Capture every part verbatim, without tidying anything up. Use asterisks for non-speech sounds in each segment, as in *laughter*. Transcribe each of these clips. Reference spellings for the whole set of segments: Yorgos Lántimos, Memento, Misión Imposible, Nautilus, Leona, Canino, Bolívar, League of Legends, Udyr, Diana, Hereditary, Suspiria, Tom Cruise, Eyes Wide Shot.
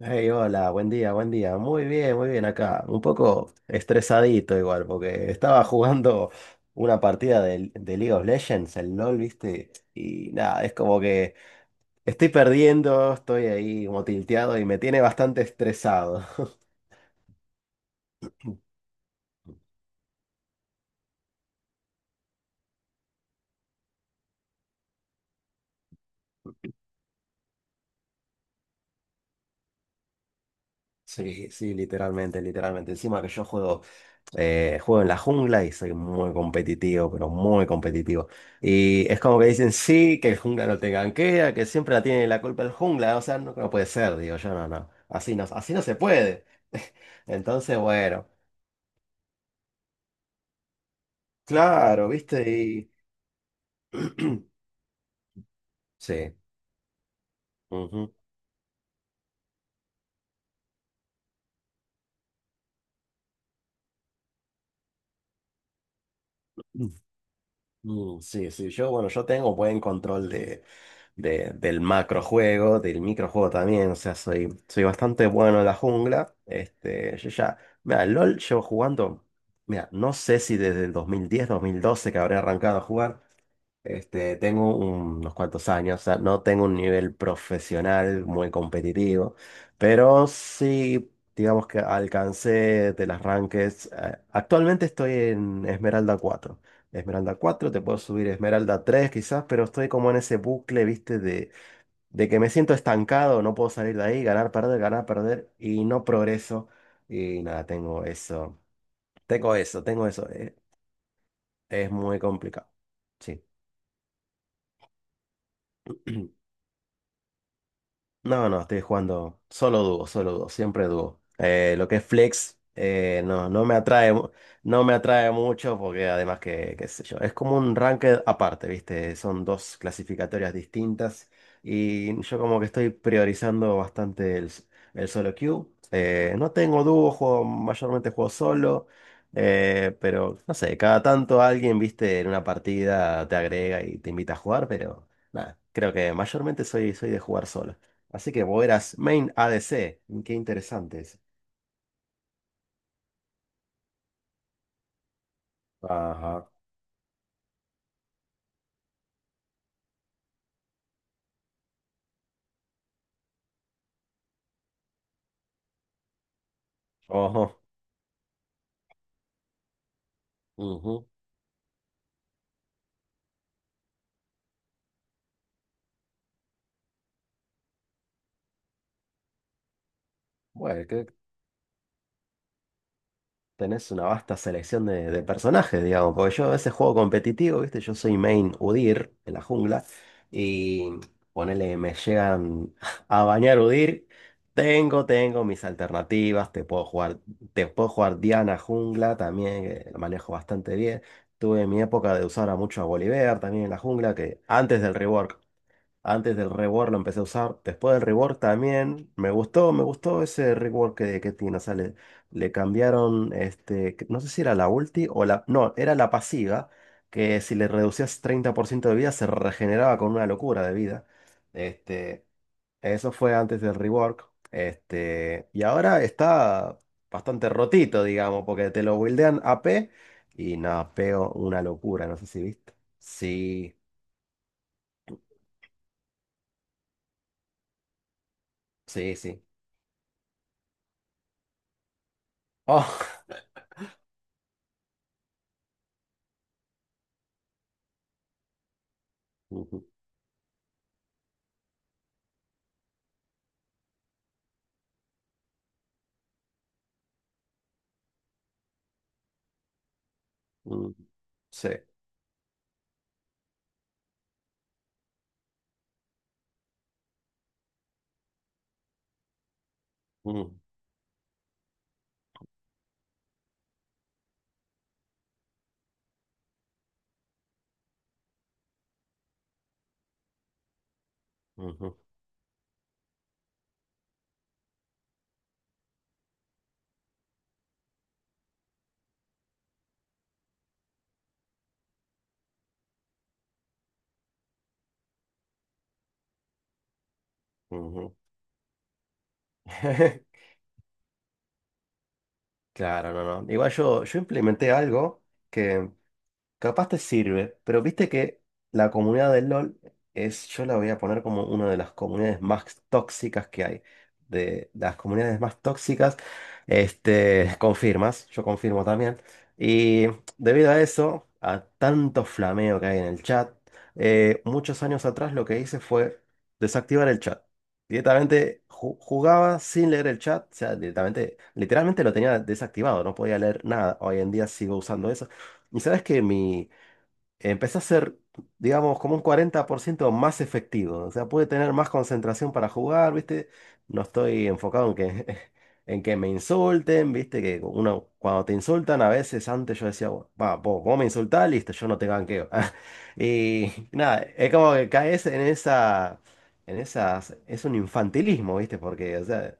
Hey, hola, buen día, buen día. Muy bien, muy bien acá. Un poco estresadito igual, porque estaba jugando una partida de, de League of Legends, el LOL, ¿viste? Y nada, es como que estoy perdiendo, estoy ahí como tilteado y me tiene bastante estresado. *laughs* Sí, sí, literalmente, literalmente. Encima que yo juego Eh, juego en la jungla y soy muy competitivo, pero muy competitivo. Y es como que dicen, sí, que el jungla no te gankea, que siempre la tiene la culpa el jungla. O sea, no, no puede ser, digo yo, no, no. Así no, así no se puede. *laughs* Entonces, bueno, claro, ¿viste? Y... *clears throat* Sí. Ujú. Mm, sí, sí, yo, bueno, yo tengo buen control de, de- del macrojuego, del microjuego también, o sea, soy, soy bastante bueno en la jungla, este, yo ya, mira, LOL llevo jugando, mira, no sé si desde el dos dos mil diez, dos mil doce, que habré arrancado a jugar, este, tengo un- unos cuantos años, o sea, no tengo un nivel profesional muy competitivo, pero sí, digamos que alcancé de las rankings. Eh, actualmente estoy en Esmeralda cuatro, Esmeralda cuatro te puedo subir Esmeralda tres quizás, pero estoy como en ese bucle, viste, de, de que me siento estancado, no puedo salir de ahí, ganar, perder, ganar, perder, y no progreso. Y nada, tengo eso, tengo eso, tengo eso. Eh, es muy complicado. Sí. *clears throat* No, no, estoy jugando solo dúo, solo dúo, siempre dúo. Eh, lo que es flex eh, no, no me atrae, mu- no me atrae mucho porque además que, qué sé yo, es como un ranked aparte, ¿viste? Son dos clasificatorias distintas y yo como que estoy priorizando bastante el, s- el solo queue. Eh, no tengo dúo, juego, mayormente juego solo, eh, pero no sé, cada tanto alguien, ¿viste? En una partida te agrega y te invita a jugar, pero nada, creo que mayormente soy, soy de jugar solo. Así que vos eras main A D C. Qué interesante eso. Ajá. Ojo. Ujú. Bueno, que tenés una vasta selección de, de personajes, digamos. Porque yo a veces juego competitivo, ¿viste? Yo soy main Udyr en la jungla. Y ponele, me llegan a bañar Udyr. Tengo, tengo mis alternativas. Te puedo jugar, te puedo jugar Diana jungla también, que la manejo bastante bien. Tuve mi época de usar a mucho a Bolívar también en la jungla, que antes del rework Antes del rework lo empecé a usar. Después del rework también. Me gustó, me gustó ese rework que, que tiene. O sea, le, le cambiaron, este, que- no sé si era la ulti o la... No, era la pasiva, que si le reducías treinta por ciento de vida se regeneraba con una locura de vida. Este, eso fue antes del rework. Este, y ahora está bastante rotito, digamos, porque te lo buildean A P y no, pego una locura, no sé si viste. Sí, sí, sí. Oh. *laughs* Mm, sí. Mm, ujú, ujú. *laughs* Claro, no, no. Igual yo, yo, implementé algo que capaz te sirve, pero viste que la comunidad del LOL es, yo la voy a poner como una de las comunidades más tóxicas que hay. De las comunidades más tóxicas, este, confirmas, yo confirmo también. Y debido a eso, a tanto flameo que hay en el chat, eh, muchos años atrás lo que hice fue desactivar el chat. Directamente ju- jugaba sin leer el chat, o sea, directamente, literalmente lo tenía desactivado, no podía leer nada. Hoy en día sigo usando eso. ¿Y sabes que mi empecé a ser, digamos, como un cuarenta por ciento más efectivo? O sea, pude tener más concentración para jugar, ¿viste? No estoy enfocado en que, *laughs* en que me insulten, ¿viste? Que uno, cuando te insultan, a veces antes yo decía, va, vos, vos me insultás, listo, yo no te ganqueo. *laughs* Y nada, es como que caes en esa, en esas, es un infantilismo, ¿viste? Porque, o sea,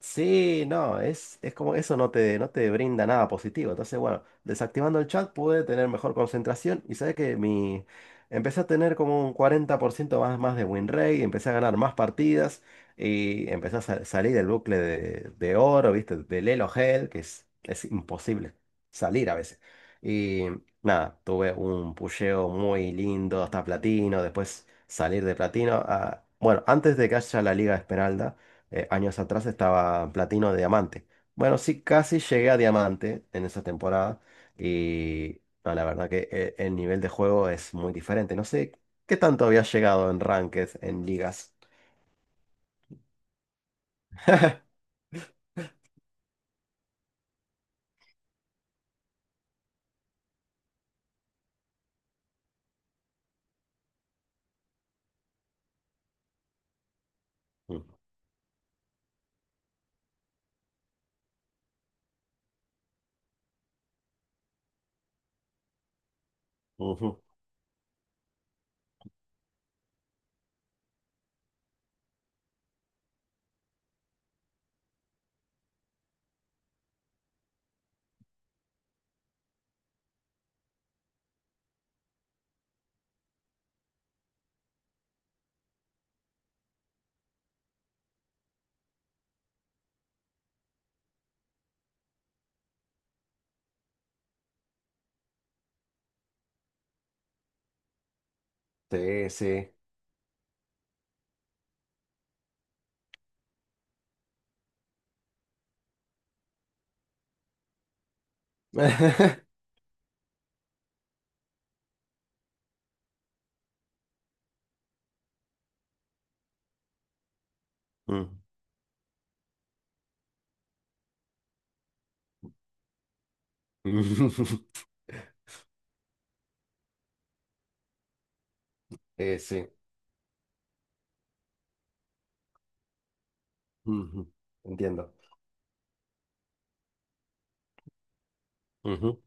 sí, no, es, es como eso no te, no te brinda nada positivo. Entonces, bueno, desactivando el chat pude tener mejor concentración y sabes que mi... empecé a tener como un cuarenta por ciento más, más de win rate, empecé a ganar más partidas y empecé a sa- salir del bucle de, de oro, ¿viste? Del Elo Hell, que es, es imposible salir a veces. Y nada, tuve un pusheo muy lindo hasta platino, después salir de platino a... Bueno, antes de que haya la Liga Esmeralda eh, años atrás estaba platino de diamante. Bueno, sí, casi llegué a diamante en esa temporada y no, la verdad que eh, el nivel de juego es muy diferente. No sé qué tanto había llegado en ranked, en ligas. Mm, ujú. Sí, sí. *laughs* Mm. *laughs* Eh, sí. Ujú. Entiendo. Ujú.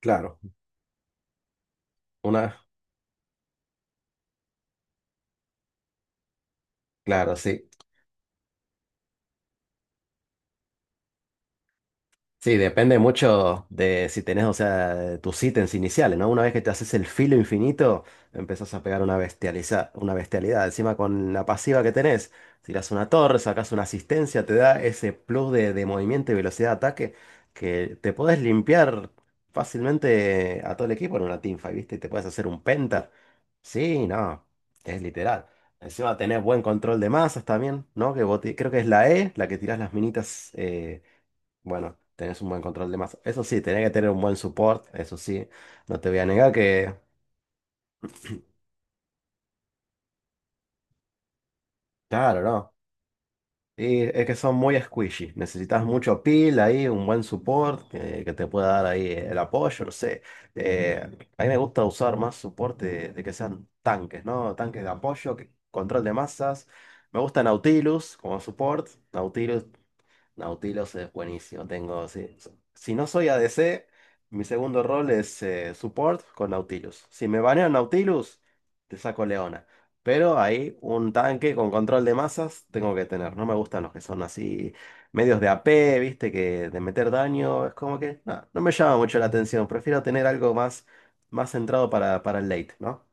Claro, una, claro, sí. Sí, depende mucho de si tenés, o sea, tus ítems iniciales, ¿no? Una vez que te haces el filo infinito, empezás a pegar una bestializa, una bestialidad. Encima con la pasiva que tenés, tirás una torre, sacás una asistencia, te da ese plus de, de movimiento y velocidad de ataque que te podés limpiar fácilmente a todo el equipo en una teamfight, ¿viste? Y te podés hacer un penta. Sí, no, es literal. Encima tenés buen control de masas también, ¿no? Que vos ti- creo que es la E, la que tirás las minitas. Eh, bueno, tenés un buen control de mazo. Eso sí, tenés que tener un buen support, eso sí. No te voy a negar que... Claro, no. Y es que son muy squishy. Necesitas mucho peel ahí, un buen support que, que te pueda dar ahí el apoyo, no sé. Eh, a mí me gusta usar más support de, de que sean tanques, ¿no? Tanques de apoyo, que- control de masas. Me gusta Nautilus como support. Nautilus Nautilus es buenísimo. Tengo, sí. Si no soy A D C, mi segundo rol es eh, support con Nautilus. Si me banean Nautilus, te saco Leona. Pero ahí un tanque con control de masas tengo que tener. No me gustan los que son así medios de A P, viste, que de meter daño. Es como que no, no me llama mucho la atención. Prefiero tener algo más, más centrado para, para el late, ¿no?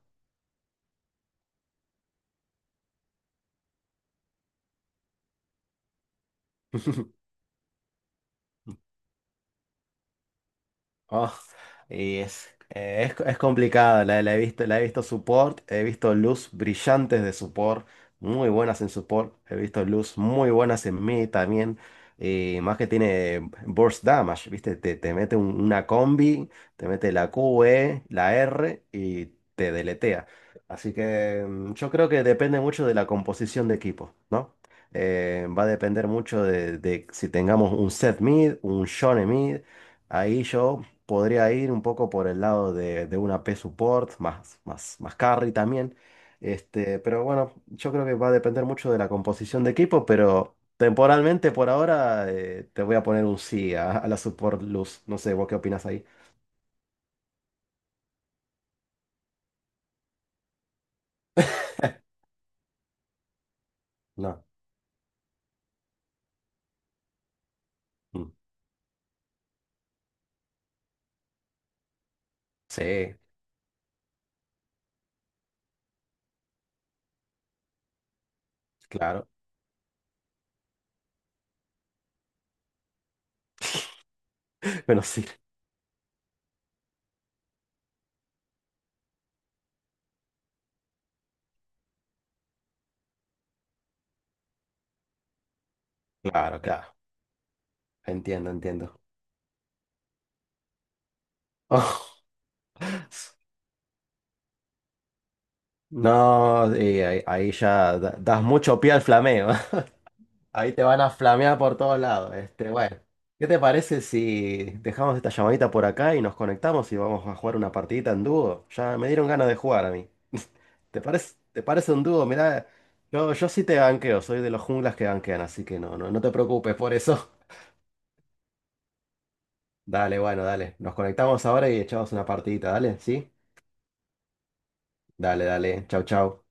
*laughs* Oh, y es, eh, es, es complicada, la, la he visto, la he visto support, he visto luz brillantes de support, muy buenas en support, he visto luz muy buenas en mid también, y más que tiene burst damage, ¿viste? Te, te mete un- una combi, te mete la Q E, la R y te deletea. Así que mm, yo creo que depende mucho de la composición de equipo, ¿no? Eh, va a depender mucho de, de si tengamos un set mid, un Shone mid. Ahí yo podría ir un poco por el lado de, de una P support, más, más, más carry también. Este, pero bueno, yo creo que va a depender mucho de la composición de equipo, pero temporalmente por ahora eh, te voy a poner un sí a, a la support luz. No sé, ¿vos qué opinas ahí? No. Mm. Sí, claro. *laughs* Bueno, sí, claro, claro. Entiendo, entiendo. *laughs* No, y ahí, ahí ya da- das mucho pie al flameo. *laughs* Ahí te van a flamear por todos lados. Este, bueno, ¿qué te parece si dejamos esta llamadita por acá y nos conectamos y vamos a jugar una partidita en dúo? Ya me dieron ganas de jugar a mí. *laughs* ¿Te parece, te parece un dúo? Mirá, yo, yo sí te banqueo, soy de los junglas que banquean, así que no, no, no te preocupes por eso. *laughs* Dale, bueno, dale. Nos conectamos ahora y echamos una partidita, dale, ¿sí? Dale, dale. Chau, chau.